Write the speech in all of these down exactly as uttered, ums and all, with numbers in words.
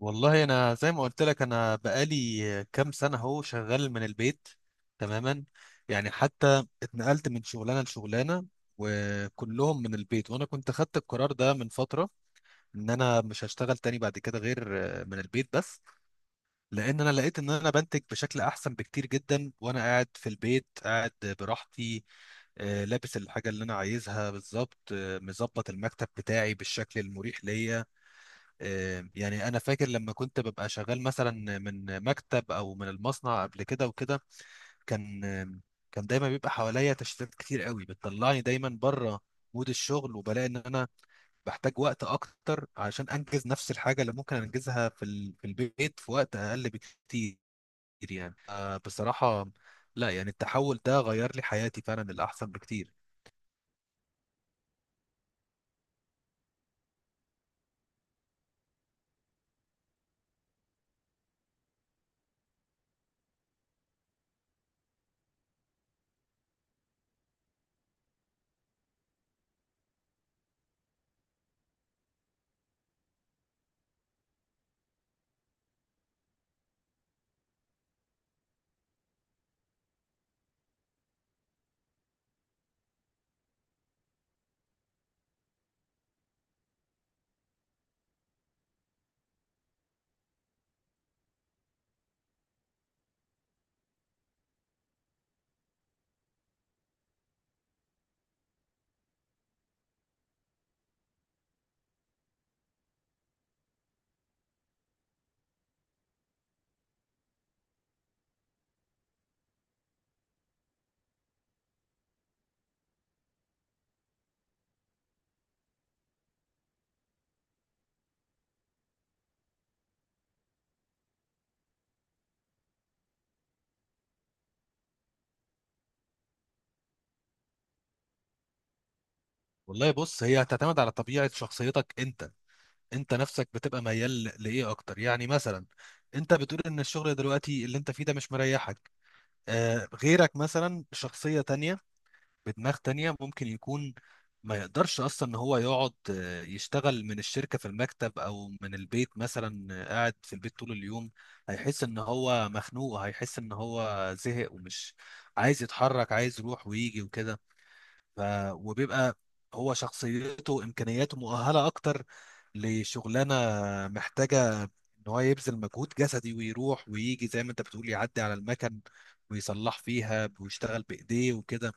والله، انا زي ما قلت لك انا بقالي كام سنه اهو شغال من البيت. تماما. يعني حتى اتنقلت من شغلانه لشغلانه، وكلهم من البيت. وانا كنت خدت القرار ده من فتره، ان انا مش هشتغل تاني بعد كده غير آه، من البيت بس. لان انا لقيت ان انا بنتج بشكل احسن بكتير جدا وانا قاعد في البيت، قاعد براحتي. آه، لابس الحاجه اللي انا عايزها بالظبط، آه، مظبط المكتب بتاعي بالشكل المريح ليا. آه، يعني انا فاكر لما كنت ببقى شغال مثلا من مكتب او من المصنع قبل كده وكده، كان آه، كان دايما بيبقى حواليا تشتتات كتير قوي بتطلعني دايما بره مود الشغل، وبلاقي ان انا بحتاج وقت اكتر عشان انجز نفس الحاجه اللي ممكن انجزها في ال- في البيت في وقت اقل بكتير. يعني آه، بصراحه، لا يعني التحول ده غير لي حياتي فعلا للاحسن بكتير. والله بص، هي هتعتمد على طبيعه شخصيتك انت. انت نفسك بتبقى ميال ل- لايه اكتر؟ يعني مثلا انت بتقول ان الشغل دلوقتي اللي انت فيه ده مش مريحك. آه غيرك مثلا، شخصية تانية بدماغ تانية، ممكن يكون ما يقدرش اصلا ان هو يقعد آه، يشتغل من الشركة في المكتب او من البيت. مثلا آه، قاعد في البيت طول اليوم، هيحس ان هو مخنوق، هيحس ان هو زهق ومش عايز يتحرك، عايز يروح ويجي وكده. ف... وبيبقى هو شخصيته، امكانياته مؤهله اكتر لشغلانه محتاجه ان هو يبذل مجهود جسدي ويروح ويجي، زي ما انت بتقول يعدي على المكن ويصلح فيها ويشتغل بايديه وكده.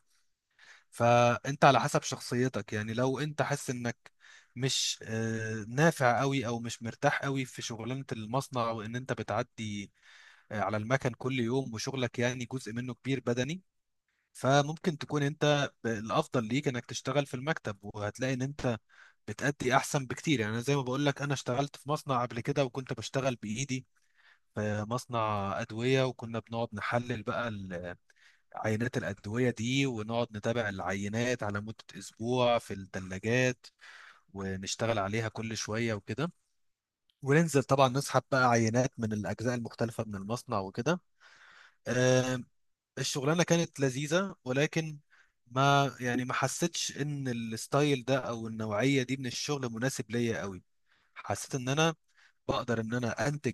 فانت على حسب شخصيتك، يعني لو انت حاسس انك مش آه، نافع قوي او مش مرتاح قوي في شغلانه المصنع، وان انت بتعدي آه، على المكن كل يوم، وشغلك يعني جزء منه كبير بدني، فممكن تكون انت ب- الافضل ليك انك تشتغل في المكتب، وهتلاقي ان انت بتأدي احسن بكتير. يعني أنا زي ما بقول لك، انا اشتغلت في مصنع قبل كده، وكنت بشتغل بايدي في مصنع ادوية، وكنا بنقعد نحلل بقى ال- عينات الأدوية دي، ونقعد نتابع العينات على مدة أسبوع في الثلاجات، ونشتغل عليها كل شوية وكده، وننزل طبعا نسحب بقى عينات من الأجزاء المختلفة من المصنع وكده. الشغلانه كانت لذيذه، ولكن ما يعني ما حسيتش ان الستايل ده او النوعيه دي من الشغل مناسب ليا قوي. حسيت ان انا بقدر ان انا انتج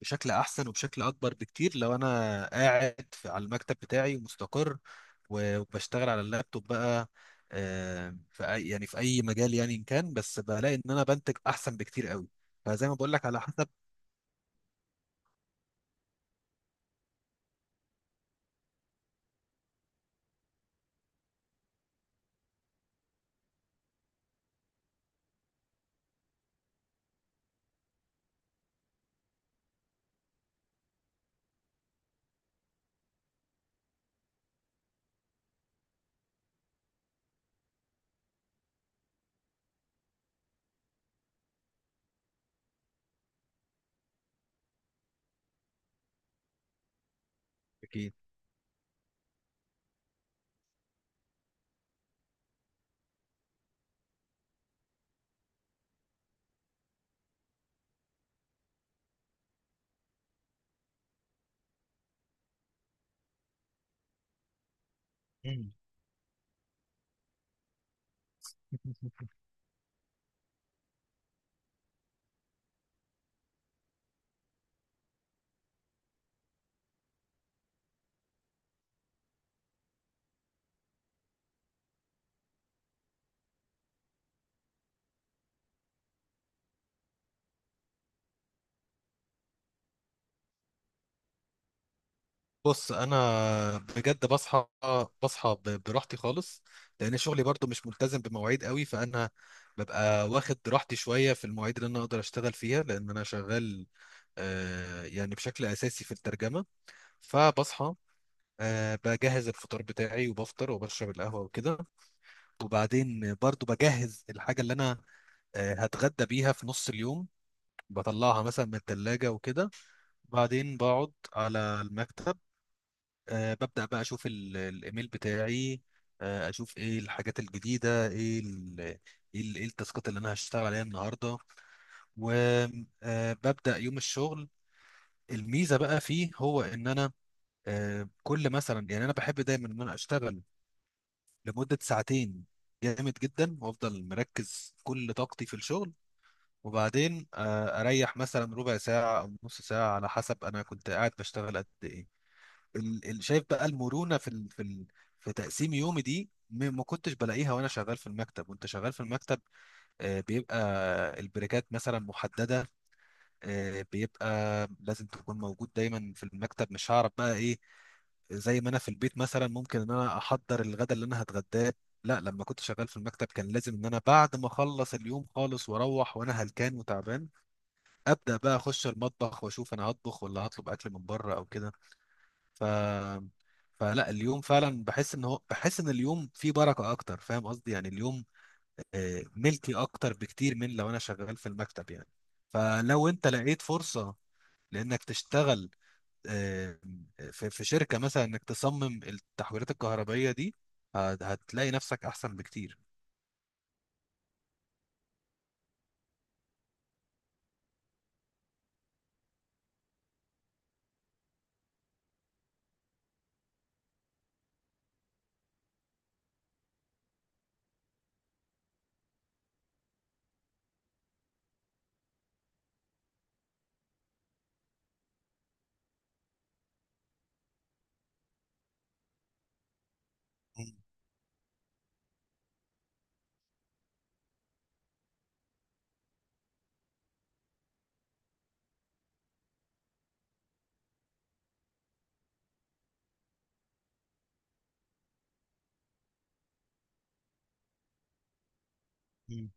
بشكل احسن وبشكل اكبر بكتير لو انا قاعد في على المكتب بتاعي ومستقر، و- وبشتغل على اللابتوب بقى، آه، في أي يعني في اي مجال، يعني ان كان، بس بلاقي ان انا بنتج احسن بكتير قوي. فزي ما بقول لك على حسب. أكيد. بص انا بجد بصحى بصحى ب- براحتي خالص. لان شغلي برضو مش ملتزم بمواعيد قوي، فانا ببقى واخد راحتي شويه في المواعيد اللي انا اقدر اشتغل فيها، لان انا شغال آه، يعني بشكل اساسي في الترجمه. فبصحى، آه، بجهز الفطار بتاعي وبفطر وبشرب القهوه وكده. وبعدين برضو بجهز الحاجه اللي انا آه، هتغدى بيها في نص اليوم، بطلعها مثلا من الثلاجه وكده. بعدين بقعد على المكتب، آه، ببدأ بقى أشوف ال- الإيميل بتاعي، آه، أشوف إيه الحاجات الجديدة، إيه ال إيه ال- إيه التاسكات اللي أنا هشتغل عليها النهاردة، وببدأ يوم الشغل. الميزة بقى فيه هو إن أنا آه، كل مثلا، يعني أنا بحب دايما إن أنا أشتغل لمدة ساعتين جامد جدا، وأفضل مركز كل طاقتي في الشغل، وبعدين آه، أريح مثلا ربع ساعة أو نص ساعة على حسب أنا كنت قاعد بشتغل قد إيه. ال- ال- شايف بقى المرونه في ال... في ال... في تقسيم يومي دي، م- ما كنتش بلاقيها وانا شغال في المكتب. وانت شغال في المكتب، آه، بيبقى البريكات مثلا محدده، آه، بيبقى لازم تكون موجود دايما في المكتب، مش هعرف بقى ايه. زي ما انا في البيت مثلا ممكن ان انا احضر الغداء اللي انا هتغداه. لا، لما كنت شغال في المكتب كان لازم ان انا بعد ما اخلص اليوم خالص واروح وانا هلكان وتعبان، ابدا بقى اخش المطبخ واشوف انا هطبخ ولا هطلب اكل من بره او كده. ف فلا، اليوم فعلا بحس ان هو، بحس ان اليوم فيه بركة اكتر. فاهم قصدي؟ يعني اليوم آه، ملكي اكتر بكتير من لو انا شغال في المكتب، يعني. فلو انت لقيت فرصة لانك تشتغل آه، في في شركة مثلا، انك تصمم التحويلات الكهربائية دي، هت- هتلاقي نفسك احسن بكتير. مم. مم.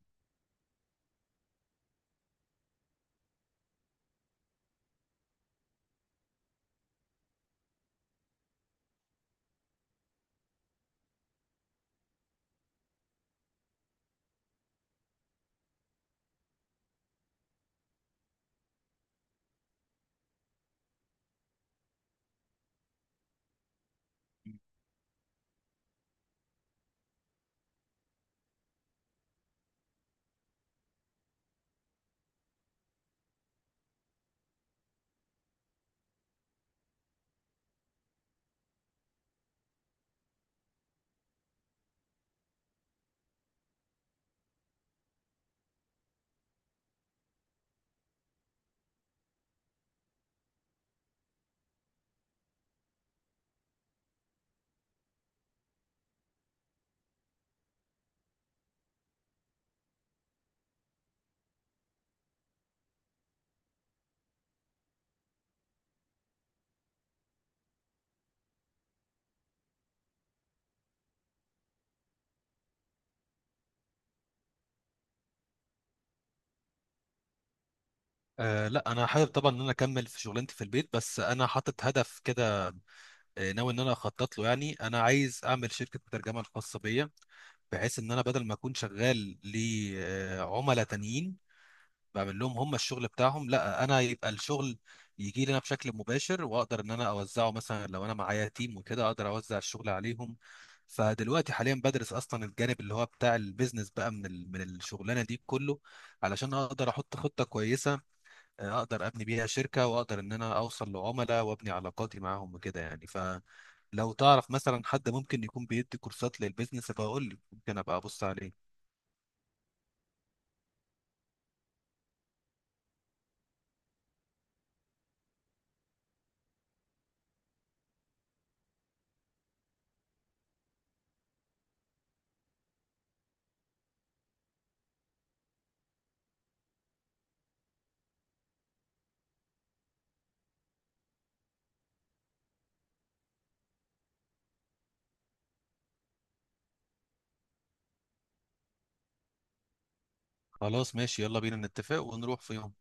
أه لا، انا حابب طبعا ان انا اكمل في شغلانتي في البيت، بس انا حاطط هدف كده، آه، ناوي ان انا اخطط له. يعني انا عايز اعمل شركه ترجمه الخاصه بيا، بحيث ان انا بدل ما اكون شغال لعملاء تانيين بعمل لهم هم الشغل بتاعهم، لا انا يبقى الشغل يجي لنا بشكل مباشر، واقدر ان انا اوزعه مثلا لو انا معايا تيم وكده، اقدر اوزع الشغل عليهم. فدلوقتي حاليا بدرس اصلا الجانب اللي هو بتاع البيزنس بقى من ال- من الشغلانه دي كله، علشان اقدر احط خطه كويسه، آه، اقدر ابني بيها شركه، واقدر ان انا اوصل لعملاء وابني علاقاتي معاهم وكده. يعني ف لو تعرف مثلا حد ممكن يكون بيدي كورسات للبيزنس فهقول لي، ممكن ابقى ابص عليه. خلاص ماشي، يلا بينا نتفق ونروح في يوم.